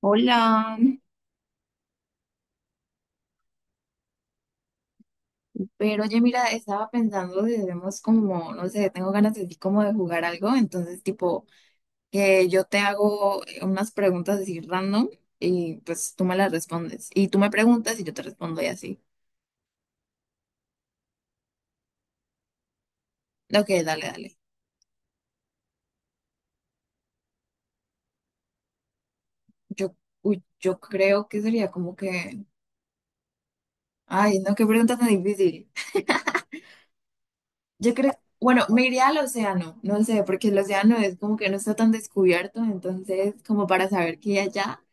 Hola, pero oye, mira, estaba pensando si debemos como, no sé, tengo ganas así como de jugar algo, entonces tipo que yo te hago unas preguntas así random y pues tú me las respondes y tú me preguntas y yo te respondo y así. Ok, dale, dale. Yo, uy, yo creo que sería como que, ay, no, qué pregunta tan difícil. Yo creo, bueno, me iría al océano, no sé, porque el océano es como que no está tan descubierto, entonces como para saber qué hay allá.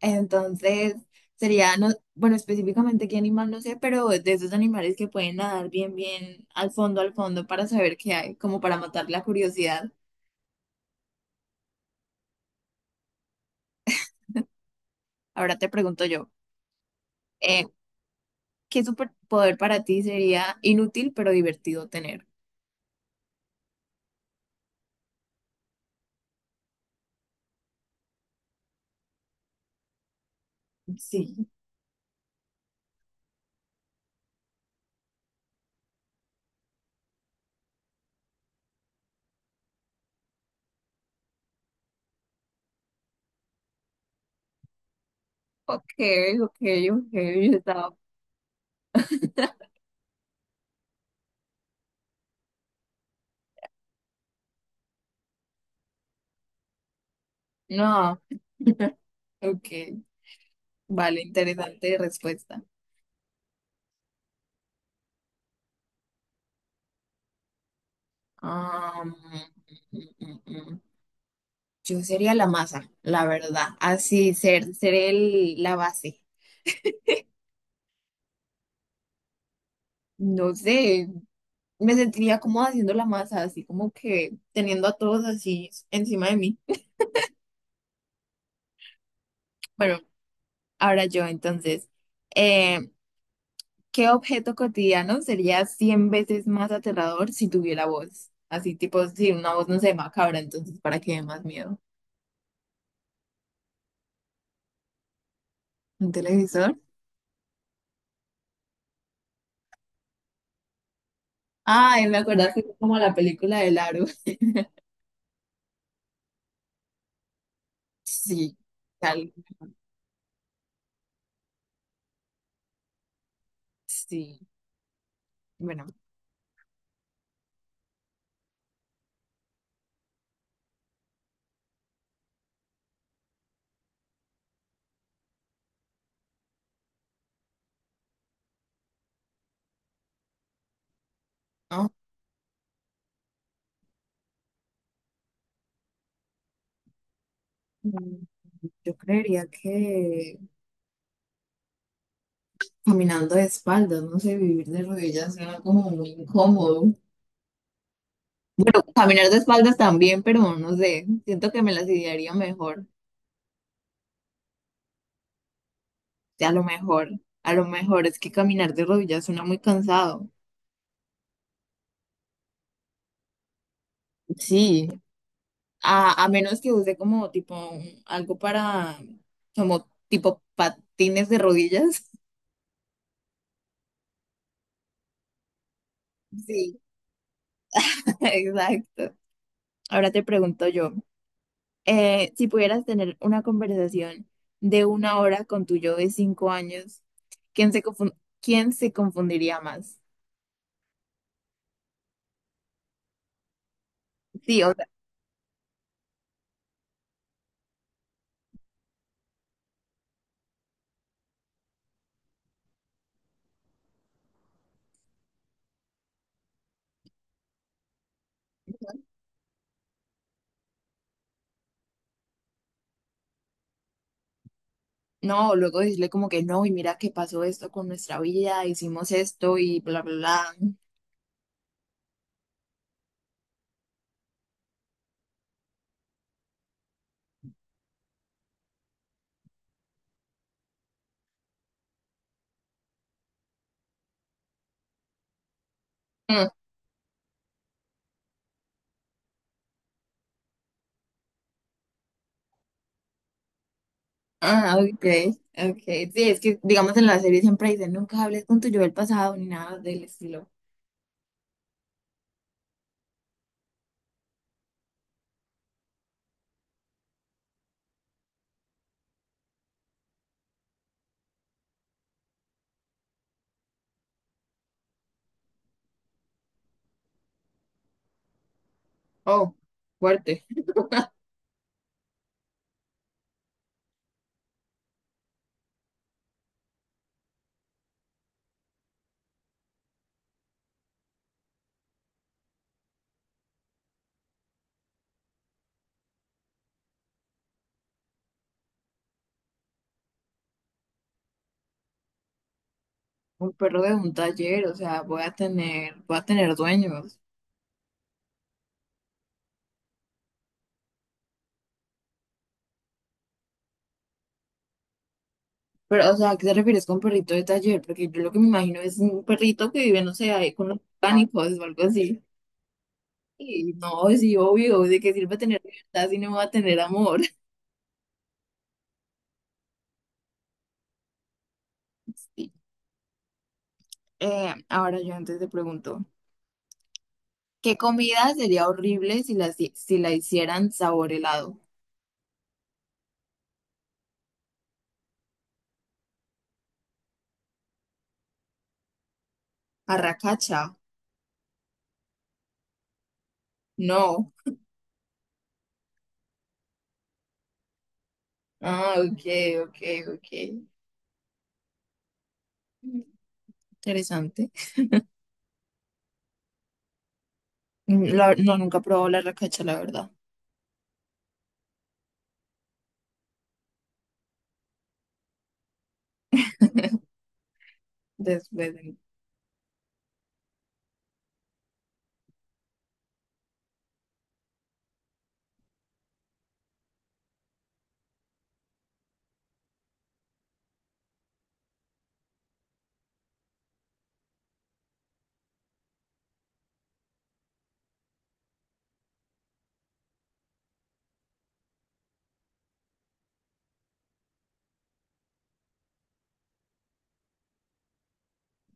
Entonces, sería, no, bueno, específicamente qué animal no sé, pero de esos animales que pueden nadar bien, bien al fondo para saber qué hay, como para matar la curiosidad. Ahora te pregunto yo. eh, ¿Qué superpoder para ti sería inútil pero divertido tener? Sí. Ok, ok, ok, estaba- No, ok, vale, interesante respuesta. Ah, mm, mm, mm, mm. Yo sería la masa, la verdad, así ser, la base. No sé, me sentiría como haciendo la masa, así como que teniendo a todos así encima de mí. Bueno, ahora yo entonces, eh, ¿qué objeto cotidiano sería 100 veces más aterrador si tuviera voz? Así tipo, si una voz no se macabra, entonces ¿para qué dé más miedo? ¿Un televisor? Ay, me acordaste como la película del Aro. Sí, tal, sí, bueno, no, mm, yo creería que... Caminando de espaldas, no sé, vivir de rodillas suena como muy incómodo. Caminar de espaldas también, pero no sé, siento que me las idearía mejor. Sí, a lo mejor es que caminar de rodillas suena muy cansado. Sí, a menos que use como tipo un- algo para, como tipo patines de rodillas. Sí, exacto. Ahora te pregunto yo. Si pudieras tener una conversación de una hora con tu yo de cinco años, ¿quién se confun- quién se confundiría más? Sí, o sea, no, luego decirle como que no, y mira que pasó esto con nuestra vida, hicimos esto y bla, bla, bla. Mm, ah, ok, ok. Sí, es que digamos en la serie siempre dicen nunca hables con tu yo del pasado ni nada del estilo. Oh, fuerte. Un perro de un taller, o sea, voy a tener dueños. Pero, o sea, ¿a qué te refieres con perrito de taller? Porque yo lo que me imagino es un perrito que vive, no sé, ahí con los pánicos o algo así. Y no, sí, obvio, ¿de qué sirve tener libertad si no va a tener amor? Sí. Ahora yo antes te pregunto, ¿qué comida sería horrible si la, si la hicieran sabor helado? ¿Arracacha? No. Ah, ok, ok, ok. Interesante. No, nunca he probado la arracacha, la verdad. Después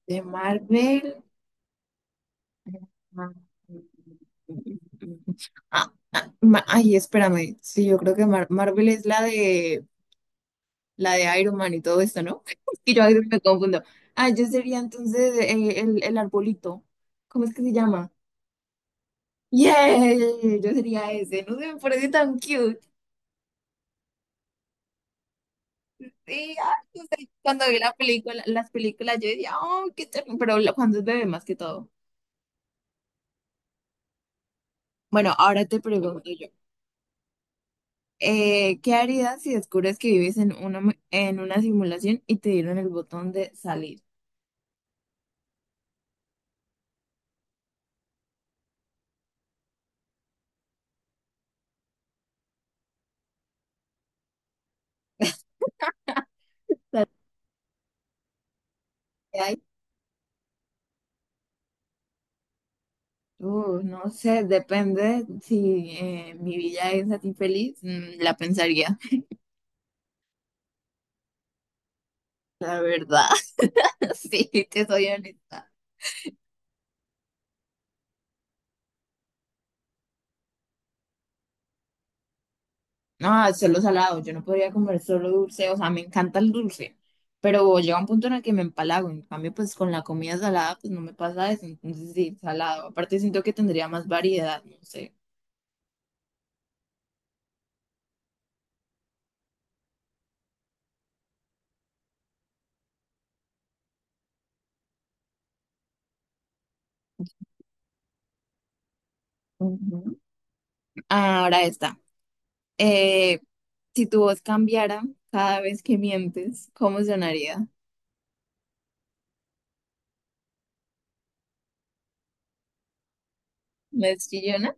de Marvel. Ah, ah, ma- ay, espérame. Sí, yo creo que Marvel es la de Iron Man y todo esto, ¿no? Es que yo a veces me confundo. Ah, yo sería entonces el arbolito. ¿Cómo es que se llama? ¡Yay! Yo sería ese. No sé, me parece tan cute. Sí, ay, no sé, cuando vi la película, las películas, yo decía, oh, qué ternura. Pero la- cuando es bebé más que todo. Bueno, ahora te pregunto yo. ¿Qué harías si descubres que vives en una, mu- en una simulación y te dieron el botón de salir? ¿Salir de ahí? No sé, depende si mi vida es así feliz, la pensaría, la verdad, sí, te soy honesta. No, solo salado, yo no podría comer solo dulce, o sea, me encanta el dulce, pero llega un punto en el que me empalago, en cambio, pues con la comida salada, pues no me pasa eso, entonces sí, salado. Aparte siento que tendría más variedad, no sé. Ujú. Ahora está. Eh, si tu voz cambiara cada vez que mientes, ¿cómo sonaría? ¿Más chillona?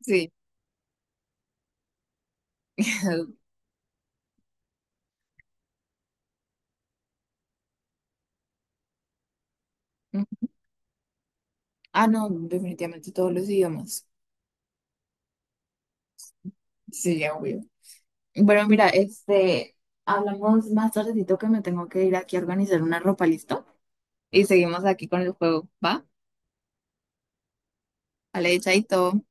Sí. Ah, no, definitivamente todos los idiomas. Sí, ya obvio. Bueno, mira, este, hablamos más tardecito que me tengo que ir aquí a organizar una ropa, ¿listo? Y seguimos aquí con el juego, ¿va? Vale, chaito.